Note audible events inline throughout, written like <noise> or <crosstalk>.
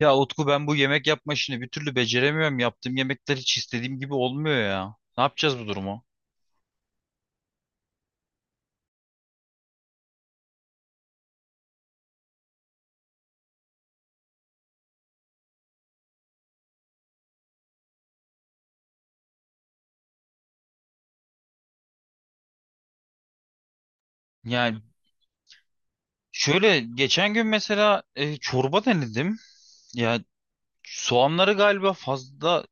Ya Utku ben bu yemek yapma işini bir türlü beceremiyorum. Yaptığım yemekler hiç istediğim gibi olmuyor ya. Ne yapacağız bu durumu? Yani şöyle geçen gün mesela çorba denedim. Ya soğanları galiba fazla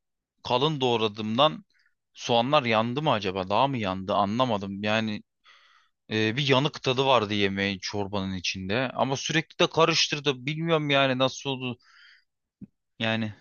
kalın doğradığımdan soğanlar yandı mı acaba? Daha mı yandı? Anlamadım. Yani bir yanık tadı vardı yemeğin çorbanın içinde. Ama sürekli de karıştırdı. Bilmiyorum yani nasıl oldu. Yani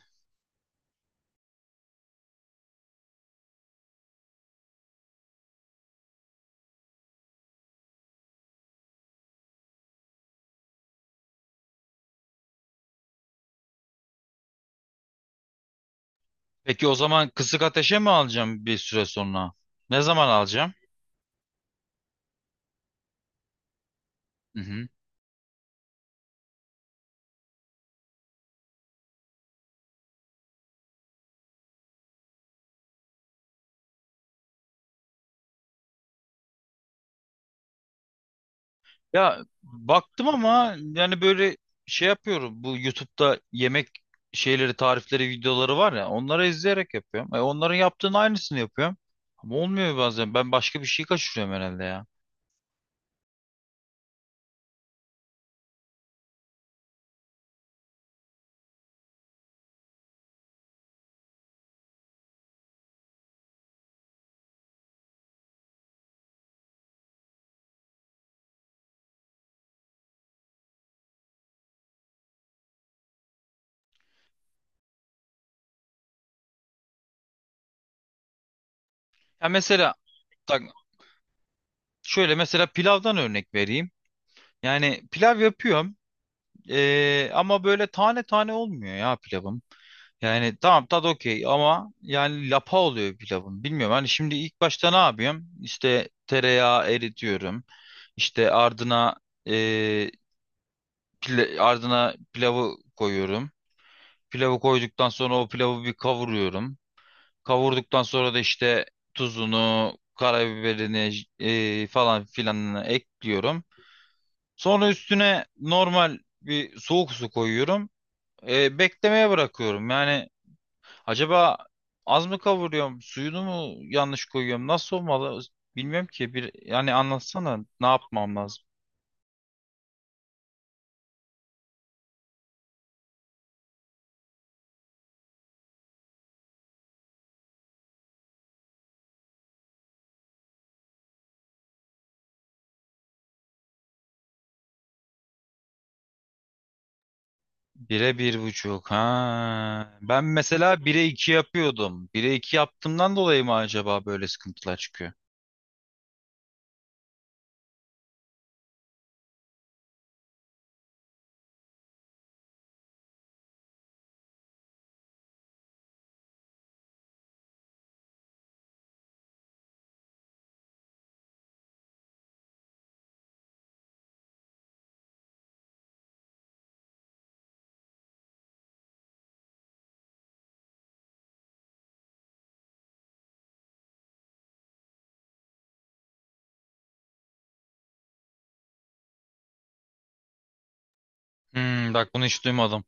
peki o zaman kısık ateşe mi alacağım bir süre sonra? Ne zaman alacağım? Hı. Ya baktım ama yani böyle şey yapıyorum. Bu YouTube'da yemek şeyleri, tarifleri, videoları var ya. Onları izleyerek yapıyorum. Onların yaptığının aynısını yapıyorum. Ama olmuyor bazen. Ben başka bir şey kaçırıyorum herhalde ya. Ya mesela bak şöyle mesela pilavdan örnek vereyim. Yani pilav yapıyorum. E, ama böyle tane tane olmuyor ya pilavım. Yani tamam tadı okey ama yani lapa oluyor pilavım. Bilmiyorum hani şimdi ilk başta ne yapıyorum? İşte tereyağı eritiyorum. İşte ardına eee, ardına pilavı koyuyorum. Pilavı koyduktan sonra o pilavı bir kavuruyorum. Kavurduktan sonra da işte tuzunu, karabiberini falan filanını ekliyorum. Sonra üstüne normal bir soğuk su koyuyorum. Beklemeye bırakıyorum. Yani acaba az mı kavuruyorum, suyunu mu yanlış koyuyorum? Nasıl olmalı? Bilmiyorum ki. Bir yani anlatsana ne yapmam lazım. Bire bir buçuk. Ha. Ben mesela bire iki yapıyordum. Bire iki yaptığımdan dolayı mı acaba böyle sıkıntılar çıkıyor? Hmm, bak bunu hiç duymadım.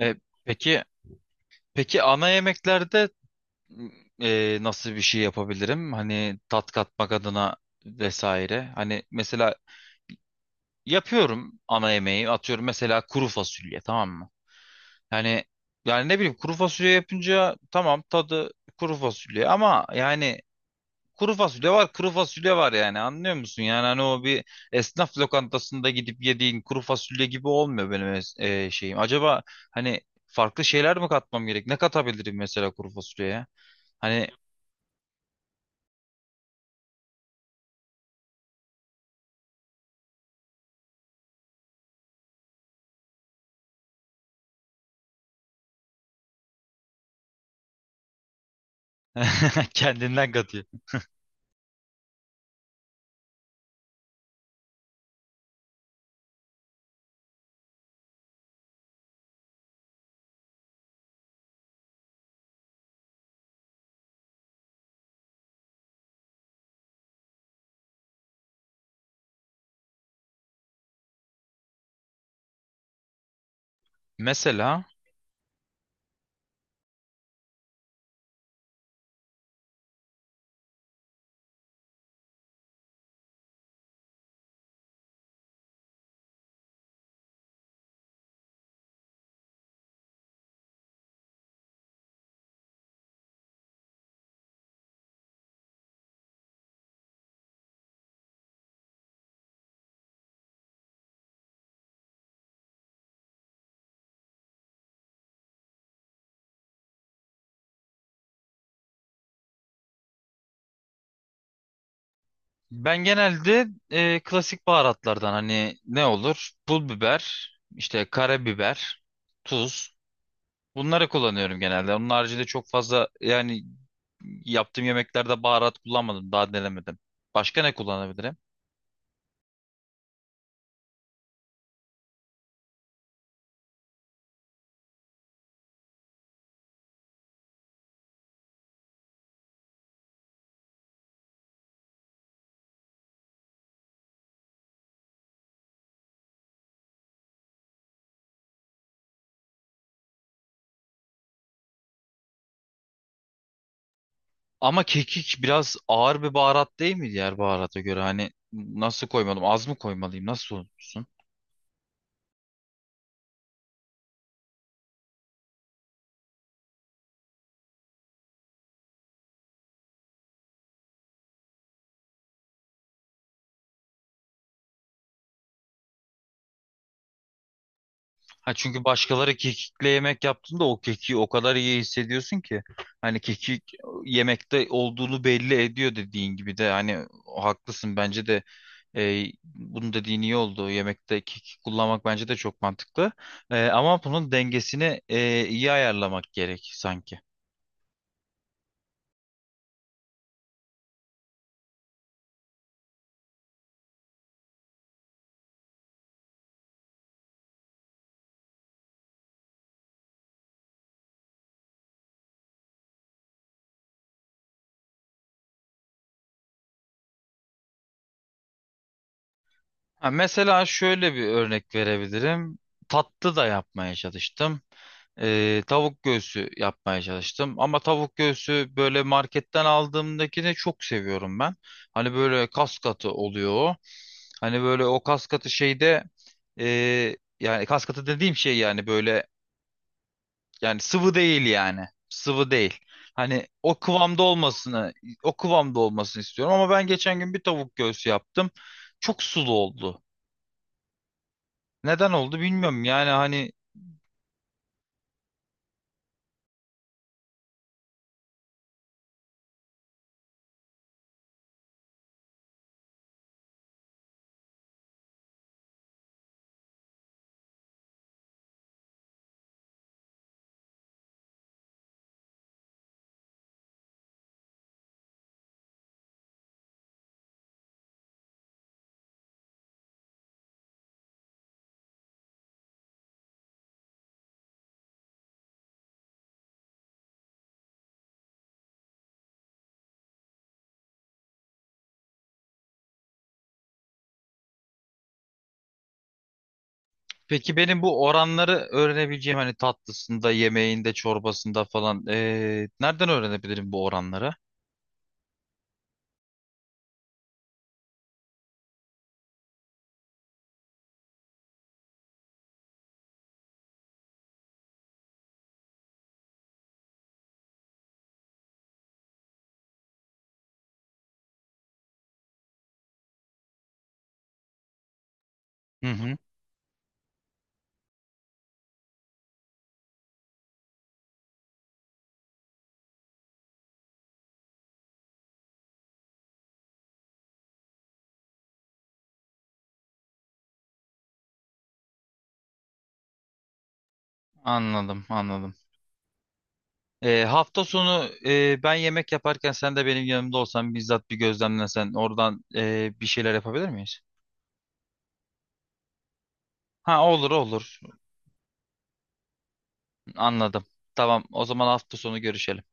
E, peki peki ana yemeklerde m, nasıl bir şey yapabilirim? Hani tat katmak adına vesaire. Hani mesela yapıyorum ana yemeği. Atıyorum mesela kuru fasulye tamam mı? Yani yani ne bileyim kuru fasulye yapınca tamam tadı kuru fasulye ama yani kuru fasulye var, kuru fasulye var yani anlıyor musun? Yani hani o bir esnaf lokantasında gidip yediğin kuru fasulye gibi olmuyor benim şeyim. Acaba hani farklı şeyler mi katmam gerek? Ne katabilirim mesela kuru fasulyeye? Hani <laughs> kendinden katıyor. Mesela ben genelde klasik baharatlardan hani ne olur? Pul biber, işte karabiber, tuz. Bunları kullanıyorum genelde. Onun haricinde çok fazla yani yaptığım yemeklerde baharat kullanmadım. Daha denemedim. Başka ne kullanabilirim? Ama kekik biraz ağır bir baharat değil mi diğer baharata göre? Hani nasıl koymalım? Az mı koymalıyım? Nasıl olsun? Ha çünkü başkaları kekikle yemek yaptığında o kekiği o kadar iyi hissediyorsun ki hani kekik yemekte olduğunu belli ediyor dediğin gibi de hani haklısın bence de bunun dediğin iyi oldu. Yemekte kekik kullanmak bence de çok mantıklı. Ama bunun dengesini iyi ayarlamak gerek sanki. Ha, mesela şöyle bir örnek verebilirim. Tatlı da yapmaya çalıştım. Tavuk göğsü yapmaya çalıştım. Ama tavuk göğsü böyle marketten aldığımdakini çok seviyorum ben. Hani böyle kas katı oluyor o. Hani böyle o kas katı şeyde yani kas katı dediğim şey yani böyle yani sıvı değil yani. Sıvı değil. Hani o kıvamda olmasını, o kıvamda olmasını istiyorum ama ben geçen gün bir tavuk göğsü yaptım. Çok sulu oldu. Neden oldu bilmiyorum. Yani hani peki benim bu oranları öğrenebileceğim hani tatlısında, yemeğinde, çorbasında falan nereden öğrenebilirim bu oranları? Hı hı. Anladım, anladım. Hafta sonu ben yemek yaparken sen de benim yanımda olsan bizzat bir gözlemlesen oradan bir şeyler yapabilir miyiz? Ha, olur olur. Anladım. Tamam, o zaman hafta sonu görüşelim.